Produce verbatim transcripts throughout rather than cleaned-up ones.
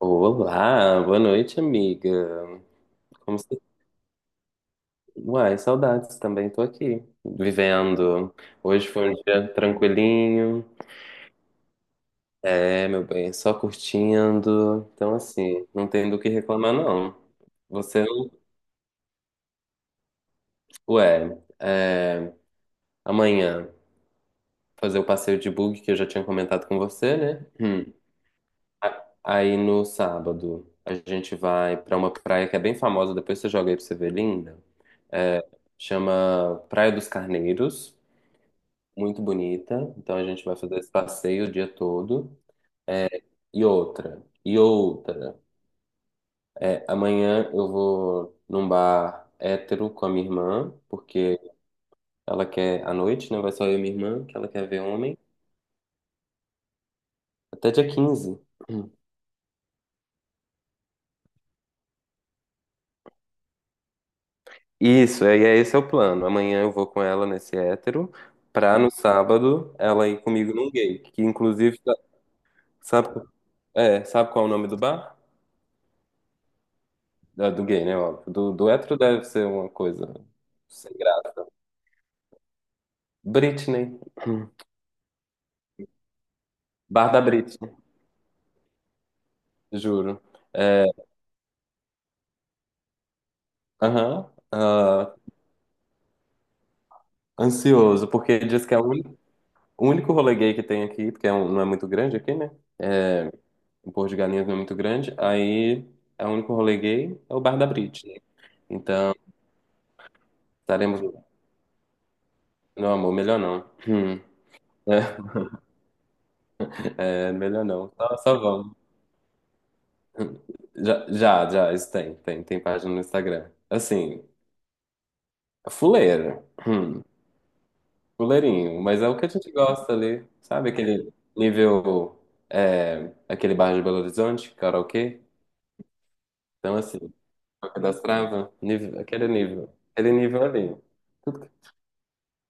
Olá, boa noite, amiga. Como você... tá? Uai, saudades, também tô aqui, vivendo. Hoje foi um dia tranquilinho, é, meu bem, só curtindo. Então, assim, não tem do que reclamar, não. Você, ué, é, amanhã fazer o passeio de bug que eu já tinha comentado com você, né? Hum. A- Aí no sábado a gente vai pra uma praia que é bem famosa, depois você joga aí pra você ver, linda. Chama Praia dos Carneiros. Muito bonita. Então a gente vai fazer esse passeio o dia todo. E outra, e outra. É, amanhã eu vou num bar hétero com a minha irmã, porque ela quer, à noite, né? Vai só eu e minha irmã, que ela quer ver homem. Até dia quinze. Isso, é, e é esse é o plano. Amanhã eu vou com ela nesse hétero, pra no sábado ela ir comigo num gay, que inclusive, tá- sabe, é, sabe qual é o nome do bar? Ah, do gay, né? Óbvio. Do, do hétero deve ser uma coisa sem graça. Britney. Bar da Brits, juro. É, aham, ah, ansioso, porque diz que é o único o único rolê gay que tem aqui, porque é um- não é muito grande aqui, né? É, o Porto de Galinhas não é muito grande, aí é o único rolê gay é o Bar da Brits, né? Então, estaremos. Não, amor, melhor não. Hum. É, é, melhor não. Só, só vamos. Já, já, já, isso tem, tem, tem página no Instagram. Assim, fuleira. Hum. Goleirinho, mas é o que a gente gosta ali, sabe? Aquele nível, é, aquele bairro de Belo Horizonte, karaokê. Então, assim, Toca das Trava, nível, aquele nível, aquele nível ali. Tudo, que-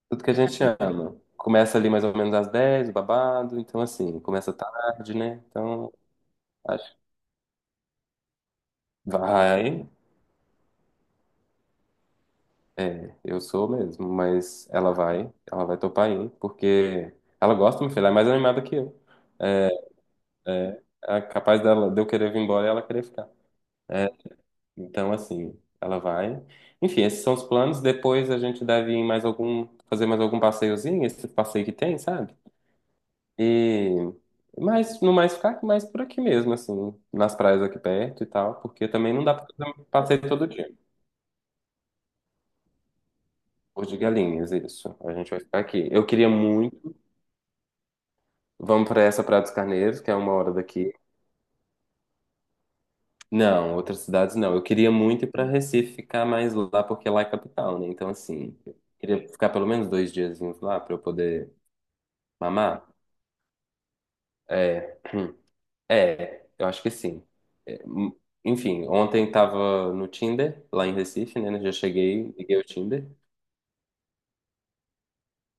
tudo que a gente ama. Começa ali mais ou menos às dez, o babado, então, assim, começa tarde, né? Então, acho que vai, é, eu sou mesmo, mas ela vai, ela vai topar ir, porque ela gosta, minha filha, ela é mais animada que eu. É capaz dela, de eu querer vir embora e ela querer ficar. Então, assim, ela vai. Enfim, esses são os planos. Depois a gente deve ir em mais algum, fazer mais algum passeiozinho, esse passeio que tem, sabe? E mas no mais ficar mais por aqui mesmo, assim, nas praias aqui perto e tal, porque também não dá pra fazer um passeio todo dia. Por de Galinhas, isso. A gente vai ficar aqui. Eu queria muito. Vamos pra essa Praia dos Carneiros, que é uma hora daqui. Não, outras cidades não. Eu queria muito ir pra Recife, ficar mais lá, porque lá é capital, né? Então, assim, eu queria ficar pelo menos dois diazinhos lá pra eu poder. Mamá? É. É, eu acho que sim. É, hum, enfim, ontem tava no Tinder, lá em Recife, né? Né, já cheguei, liguei o Tinder.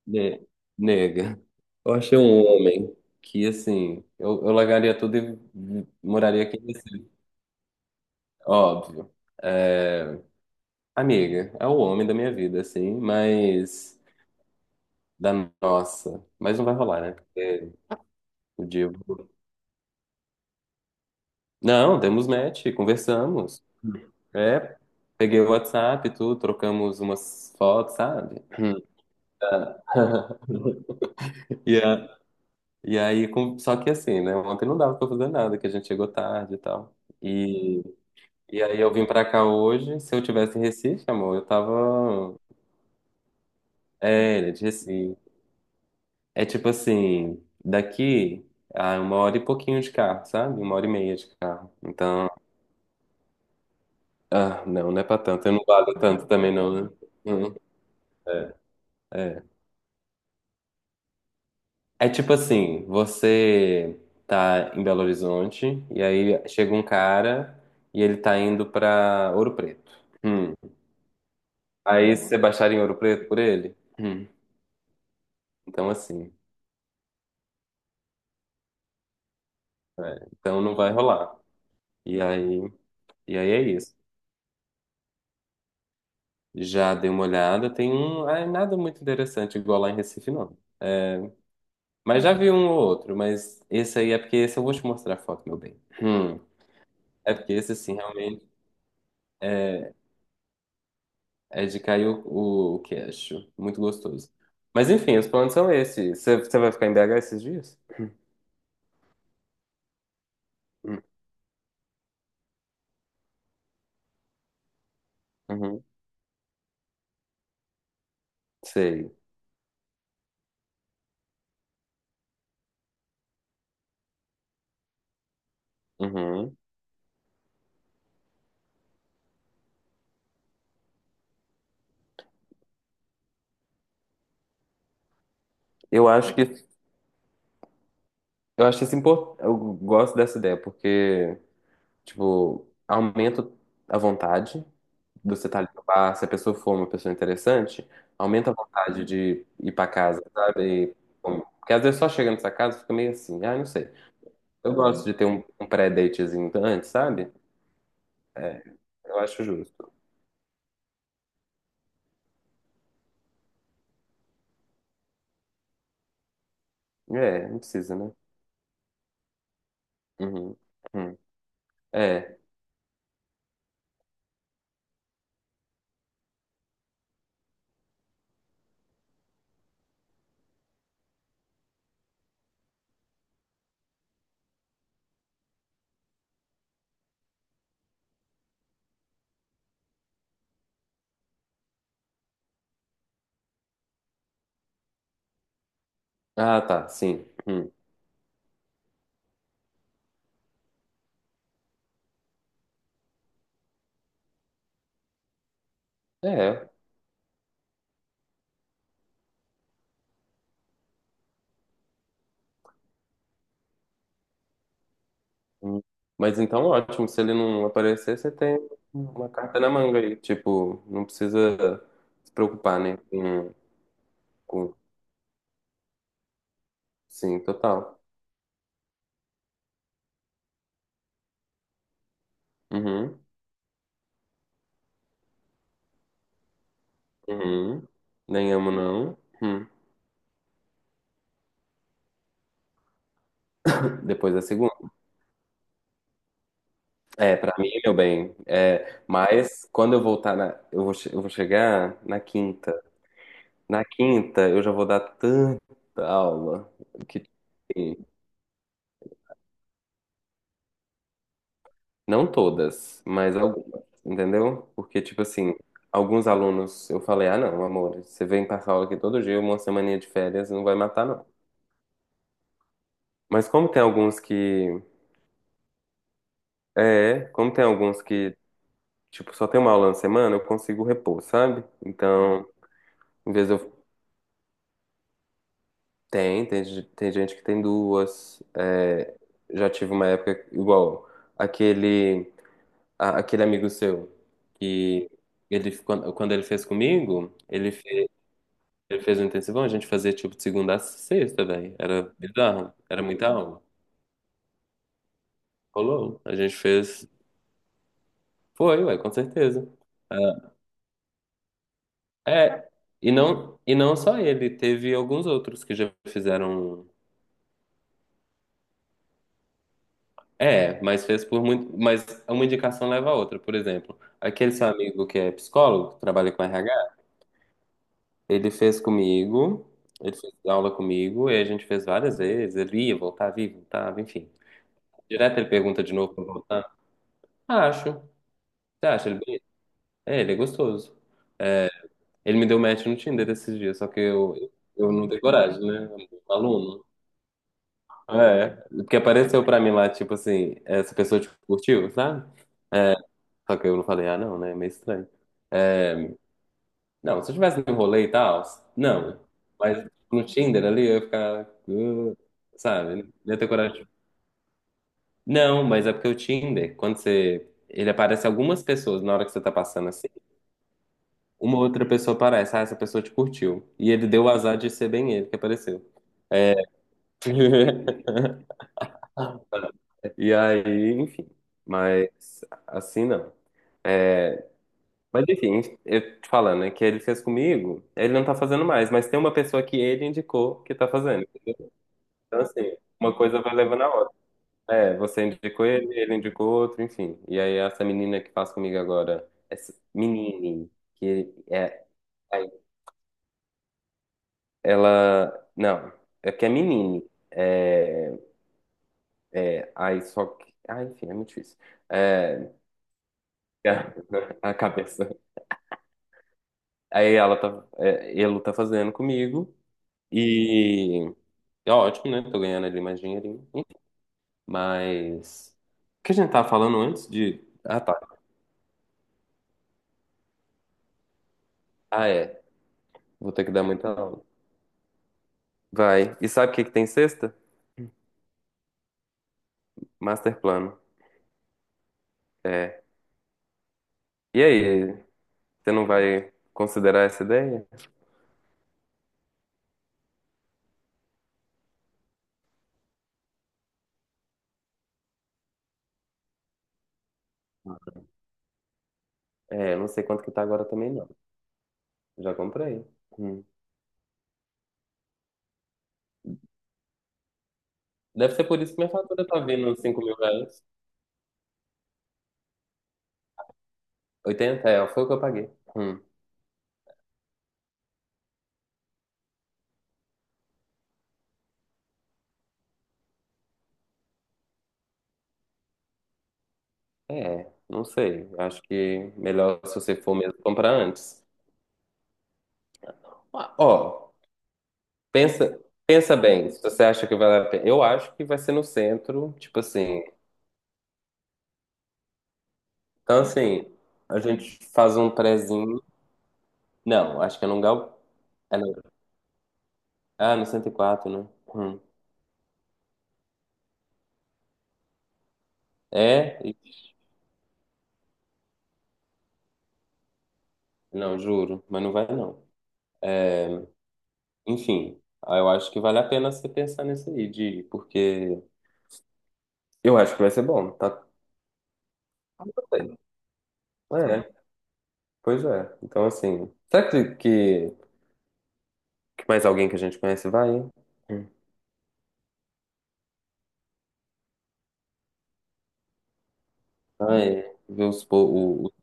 Ne- Nega, eu achei um homem que, assim, eu, eu largaria tudo e moraria aqui em Recife. Óbvio. É, amiga, é o homem da minha vida, assim, mas da nossa. Mas não vai rolar, né? Porque o Divo. Não, demos match, conversamos. É, peguei o WhatsApp, e tudo, trocamos umas fotos, sabe? E, a- e aí, com- só que assim, né? Ontem não dava pra fazer nada, que a gente chegou tarde e tal. E, e aí eu vim pra cá hoje. Se eu tivesse em Recife, amor, eu tava. É, ele é de Recife. É tipo assim, daqui a uma hora e pouquinho de carro, sabe? Uma hora e meia de carro. Então, ah, não, não é pra tanto. Eu não valho tanto também, não, né? Hum, é. É tipo assim, você tá em Belo Horizonte e aí chega um cara e ele tá indo pra Ouro Preto. Hum. Aí você baixaria em Ouro Preto por ele? Hum. Então assim, é, então não vai rolar. E aí, e aí é isso. Já dei uma olhada, tem um, ah, nada muito interessante igual lá em Recife não. Mas já vi um ou outro, mas esse aí é porque esse eu vou te mostrar a foto, meu bem. Hum. É porque esse sim realmente é de cair o, o, o queixo. Muito gostoso. Mas enfim, os planos são esses. Você você vai ficar em B H esses dias? Hum. Uhum. Sei. Uhum. Eu acho que eu acho isso importante. Eu gosto dessa ideia, porque, tipo, aumenta a vontade de você estar ali no bar. Se a pessoa for uma pessoa interessante, aumenta a vontade de ir pra casa, sabe? E, bom, porque às vezes só chega nessa casa fica meio assim, ah, não sei. Eu gosto de ter um, um pré-datezinho antes, sabe? É, eu acho justo. É, não precisa, né? Uhum. Hum. É. Ah, tá, sim. Hum. É. Hum. Mas então, ótimo. Se ele não aparecer, você tem uma carta na manga aí. Tipo, não precisa se preocupar, né? Com, com... Sim, total. Uhum. Uhum. Nem amo, não. Hum. Depois da segunda. É, pra mim, meu bem. É, mas quando eu voltar na. Eu vou, che- eu vou chegar na quinta. Na quinta, eu já vou dar tanta aula que. Não todas, mas algumas, entendeu? Porque, tipo assim, alguns alunos eu falei, ah, não, amor, você vem passar aula aqui todo dia, uma semaninha de férias, não vai matar, não. Mas como tem alguns que. É, como tem alguns que, tipo, só tem uma aula na semana, eu consigo repor, sabe? Então, em vez de eu. Tem, tem, ge- tem gente que tem duas. É, já tive uma época igual aquele, a- aquele amigo seu que ele, quando, quando ele fez comigo, ele. Ele fez um intensivão, a gente fazia tipo de segunda a sexta, velho. Era bizarro, era muita aula. Rolou. A gente fez. Foi, ué, com certeza. Ah, é, e não, e não só ele, teve alguns outros que já fizeram. Um, é, mas fez por muito. Mas uma indicação leva a outra. Por exemplo, aquele seu amigo que é psicólogo, que trabalha com R H, ele fez comigo, ele fez aula comigo, e a gente fez várias vezes. Ele ia, voltava, ia, voltava, enfim. Direto ele pergunta de novo pra voltar. Ah, acho. Você acha? Ele é, ele é gostoso. Ele me deu match no Tinder esses dias, só que eu, eu não tenho coragem, né? Aluno. É, porque apareceu pra mim lá, tipo assim, essa pessoa te curtiu, sabe? É, só que eu não falei, ah, não, né? É meio estranho. Não, se eu tivesse no rolê e tal, não. Mas no Tinder ali eu ia ficar, uh, sabe? Não ia ter coragem. Não, mas é porque o Tinder, quando você. Ele aparece algumas pessoas na hora que você tá passando assim. Uma outra pessoa aparece, ah, essa pessoa te curtiu. E ele deu o azar de ser bem ele que apareceu. E aí, enfim. Mas assim não. Mas enfim, eu te falando, né, que ele fez comigo, ele não tá fazendo mais, mas tem uma pessoa que ele indicou que tá fazendo. Então, assim, uma coisa vai levando a outra. É, você indicou ele, ele indicou outro, enfim. E aí, essa menina que faz comigo agora, essa menine, que é, aí, ela, não, é que é menine. É, é, aí só que, ah, enfim, é muito difícil. É, a cabeça. Aí ela tá, é, ele tá fazendo comigo e é ótimo, né? Tô ganhando ali mais dinheirinho. Mas o que a gente tava falando antes de. Ah, tá. Ah, é. Vou ter que dar muita aula. Vai. E sabe o que que tem sexta? Master plano. É. E aí, você não vai considerar essa ideia? É, eu não sei quanto que tá agora também, não. Já comprei. Hum. Deve ser por isso que minha fatura tá vindo uns cinco mil reais. Oitenta. É, foi o que eu paguei. Hum. É, não sei. Acho que melhor se você for mesmo comprar antes. Ah, ó, pensa, pensa bem, se você acha que vale a pena. Eu acho que vai ser no centro, tipo assim. Então, assim, a gente faz um prézinho. Não, acho que é num gal... é no... Ah, no cento e quatro, né? Hum. É? Ih, não, juro, mas não vai não. É, enfim, aí eu acho que vale a pena você pensar nisso aí, de ir, porque eu acho que vai ser bom, tá? Tá. Tudo bem. É, pois é. Então, assim, será que, que Que mais alguém que a gente conhece vai? Hum. Vai ver os, po- o, o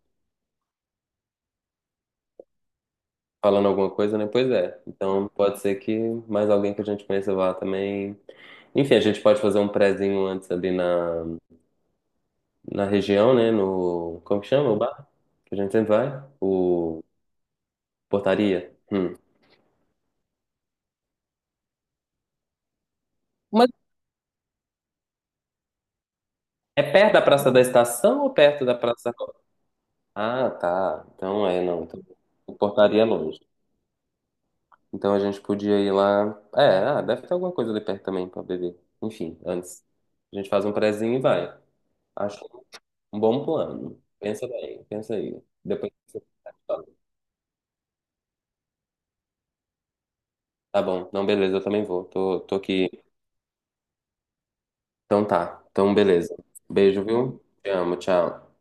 falando alguma coisa, né? Pois é. Então pode ser que mais alguém que a gente conheça vá também. Enfim, a gente pode fazer um prezinho antes ali na, na região, né? No, como que chama o bar? Que a gente sempre vai? O Portaria. Hum. Mas é perto da Praça da Estação ou perto da Praça? Da Roça? Ah, tá. Então é, não. Então, o Portaria é longe. Então a gente podia ir lá. É, ah, deve ter alguma coisa ali perto também pra beber. Enfim, antes. A gente faz um prezinho e vai. Acho um bom plano. Pensa bem, pensa aí. Depois você fala. Tá bom. Não, beleza, eu também vou. Tô, tô aqui. Então tá. Então, beleza. Beijo, viu? Te amo, tchau.